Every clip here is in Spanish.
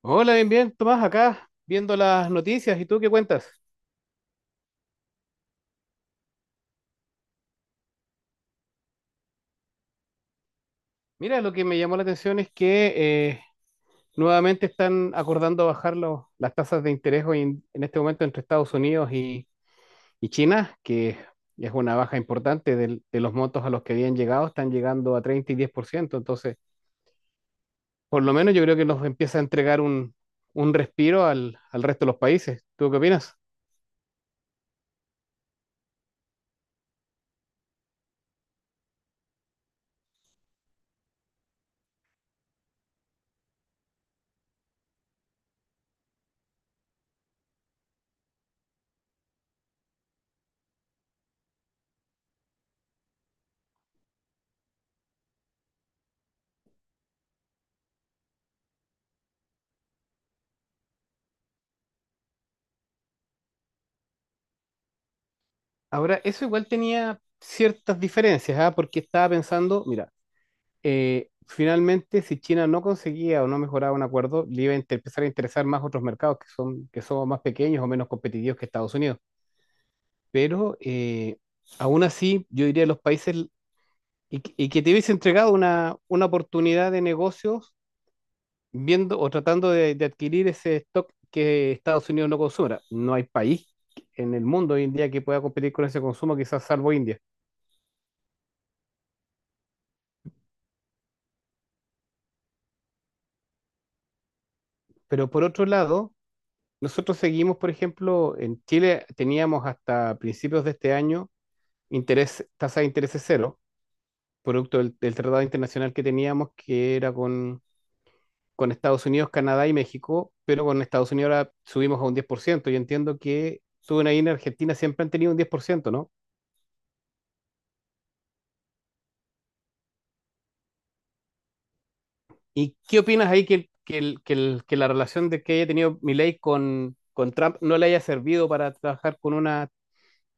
Hola, bien, bien, Tomás, acá viendo las noticias. ¿Y tú qué cuentas? Mira, lo que me llamó la atención es que eh, nuevamente están acordando bajar las tasas de interés hoy en este momento entre Estados Unidos y China, que es una baja importante de los montos a los que habían llegado, están llegando a 30 y 10%. Entonces, por lo menos yo creo que nos empieza a entregar un respiro al resto de los países. ¿Tú qué opinas? Ahora, eso igual tenía ciertas diferencias, ¿ah? Porque estaba pensando, mira. Finalmente, si China no conseguía o no mejoraba un acuerdo, le iba a empezar a interesar más otros mercados que son más pequeños o menos competitivos que Estados Unidos. Pero aún así, yo diría los países y que te hubiese entregado una oportunidad de negocios viendo o tratando de adquirir ese stock que Estados Unidos no consuma. No hay país en el mundo hoy en día que pueda competir con ese consumo, quizás salvo India. Pero por otro lado, nosotros seguimos, por ejemplo, en Chile teníamos hasta principios de este año interés, tasa de interés cero, producto del tratado internacional que teníamos, que era con Estados Unidos, Canadá y México, pero con Estados Unidos ahora subimos a un 10%. Yo entiendo que suben ahí en Argentina, siempre han tenido un 10%, ¿no? ¿Y qué opinas ahí que la relación de que haya tenido Milei con Trump no le haya servido para trabajar con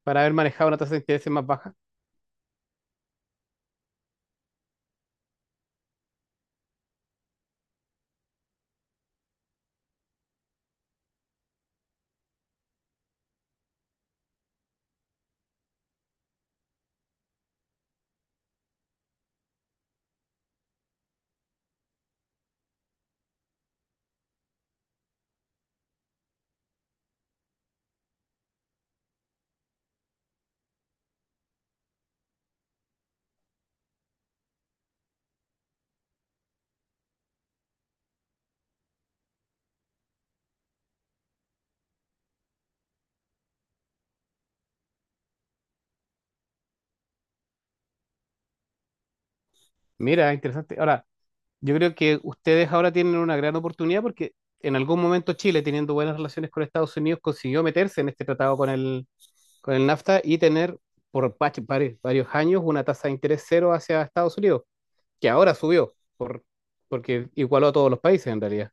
para haber manejado una tasa de interés más baja? Mira, interesante. Ahora, yo creo que ustedes ahora tienen una gran oportunidad porque en algún momento Chile, teniendo buenas relaciones con Estados Unidos, consiguió meterse en este tratado con con el NAFTA y tener varios años una tasa de interés cero hacia Estados Unidos, que ahora subió porque igualó a todos los países en realidad.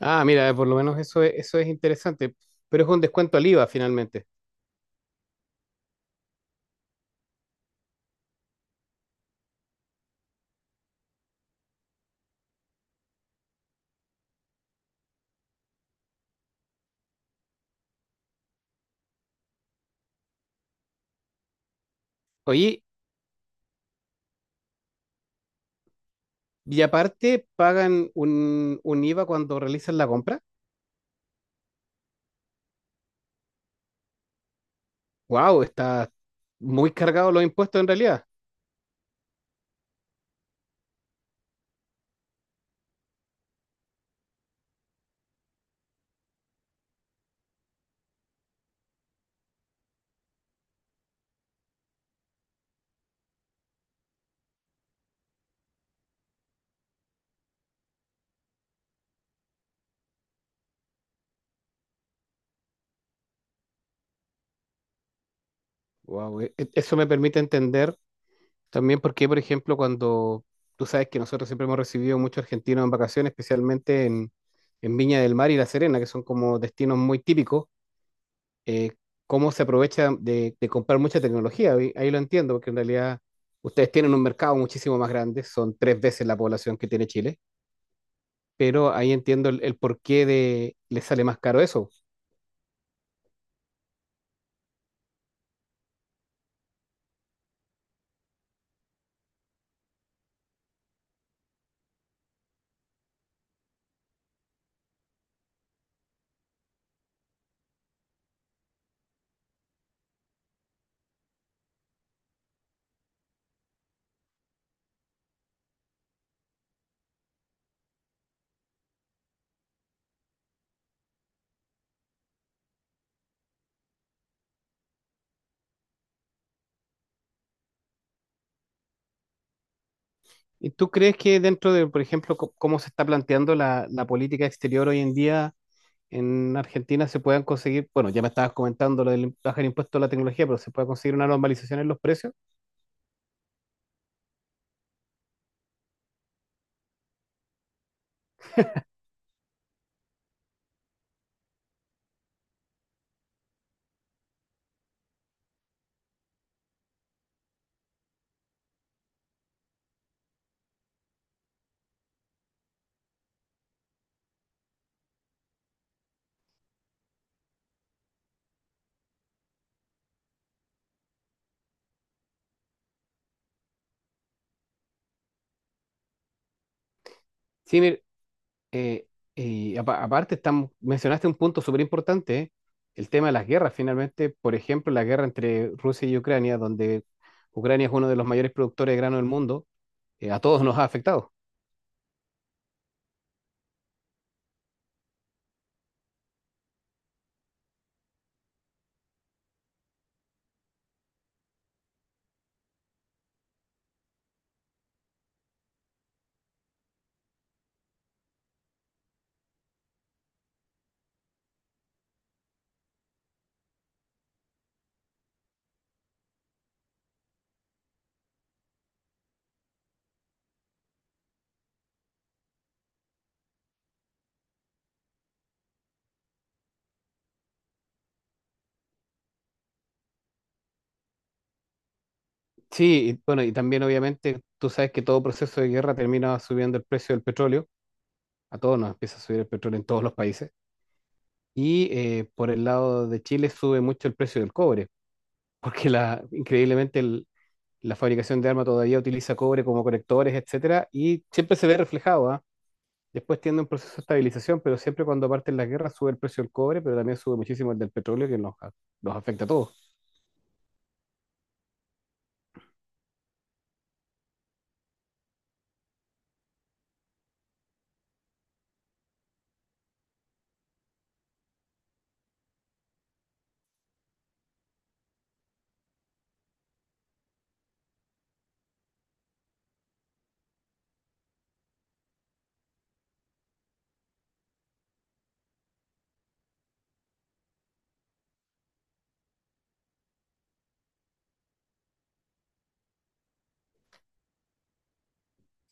Ah, mira, por lo menos eso es interesante, pero es un descuento al IVA finalmente. Oye, y aparte pagan un IVA cuando realizan la compra. Wow, está muy cargado los impuestos en realidad. Wow, eso me permite entender también por qué, por ejemplo, cuando tú sabes que nosotros siempre hemos recibido muchos argentinos en vacaciones, especialmente en Viña del Mar y La Serena, que son como destinos muy típicos, eh, cómo se aprovecha de comprar mucha tecnología. Ahí lo entiendo, porque en realidad ustedes tienen un mercado muchísimo más grande, son tres veces la población que tiene Chile, pero ahí entiendo el por qué de les sale más caro eso. ¿Y tú crees que dentro de, por ejemplo, cómo se está planteando la política exterior hoy en día en Argentina se puedan conseguir, bueno, ya me estabas comentando lo del bajar el impuesto a la tecnología, pero se puede conseguir una normalización en los precios? Sí, eh, y aparte estamos, mencionaste un punto súper importante, ¿eh? El tema de las guerras. Finalmente, por ejemplo, la guerra entre Rusia y Ucrania, donde Ucrania es uno de los mayores productores de grano del mundo, a todos nos ha afectado. Sí, y bueno, y también obviamente tú sabes que todo proceso de guerra termina subiendo el precio del petróleo, a todos nos empieza a subir el petróleo en todos los países. Y por el lado de Chile sube mucho el precio del cobre, porque la, increíblemente la fabricación de armas todavía utiliza cobre como conectores, etcétera, y siempre se ve reflejado, ¿ah? Después tiene un proceso de estabilización, pero siempre cuando parten las guerras sube el precio del cobre, pero también sube muchísimo el del petróleo, que nos afecta a todos.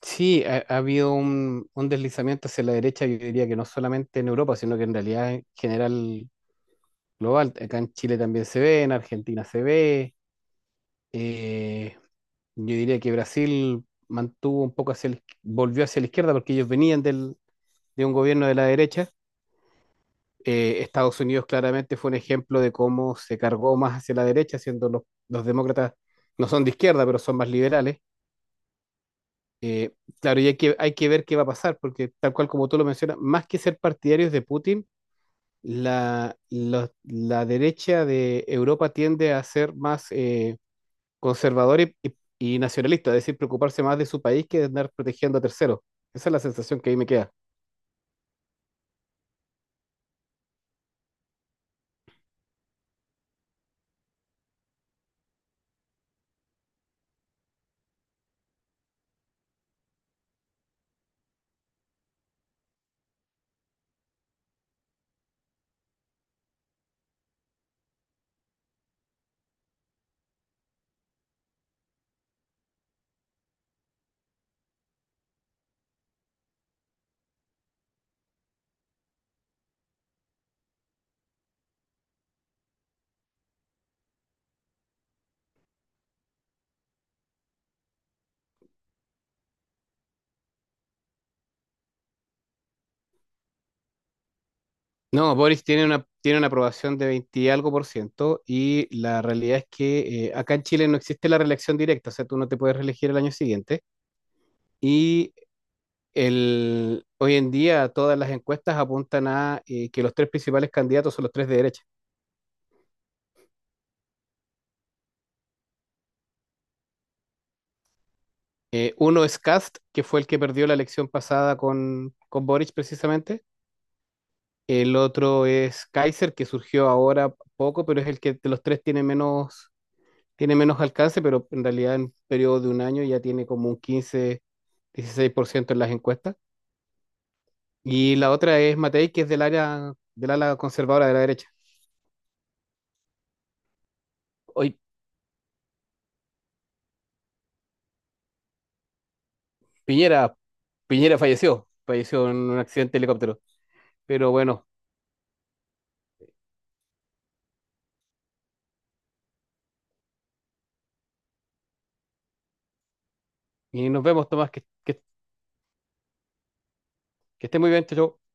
Sí, ha habido un deslizamiento hacia la derecha, yo diría que no solamente en Europa, sino que en realidad en general global. Acá en Chile también se ve, en Argentina se ve. eh, Yo diría que Brasil mantuvo un poco hacia la volvió hacia la izquierda porque ellos venían de un gobierno de la derecha. Estados Unidos claramente fue un ejemplo de cómo se cargó más hacia la derecha, siendo los demócratas no son de izquierda, pero son más liberales. Eh, claro, y hay que ver qué va a pasar, porque tal cual como tú lo mencionas, más que ser partidarios de Putin, la derecha de Europa tiende a ser más... conservador y nacionalista, es decir, preocuparse más de su país que de andar protegiendo a terceros. Esa es la sensación que ahí me queda. No, Boris tiene una aprobación de 20 y algo por ciento y la realidad es que acá en Chile no existe la reelección directa, o sea, tú no te puedes reelegir el año siguiente. Y el, hoy en día todas las encuestas apuntan a que los tres principales candidatos son los tres de derecha. Uno es Kast, que fue el que perdió la elección pasada con Boric precisamente. El otro es Kaiser, que surgió ahora poco, pero es el que de los tres tiene menos alcance, pero en realidad en un periodo de un año ya tiene como un 15, 16% en las encuestas. Y la otra es Matei, que es del área, del ala conservadora de la derecha. Hoy Piñera, Piñera falleció, falleció en un accidente de helicóptero. Pero bueno, y nos vemos, Tomás, que esté muy bien, chau. Chau.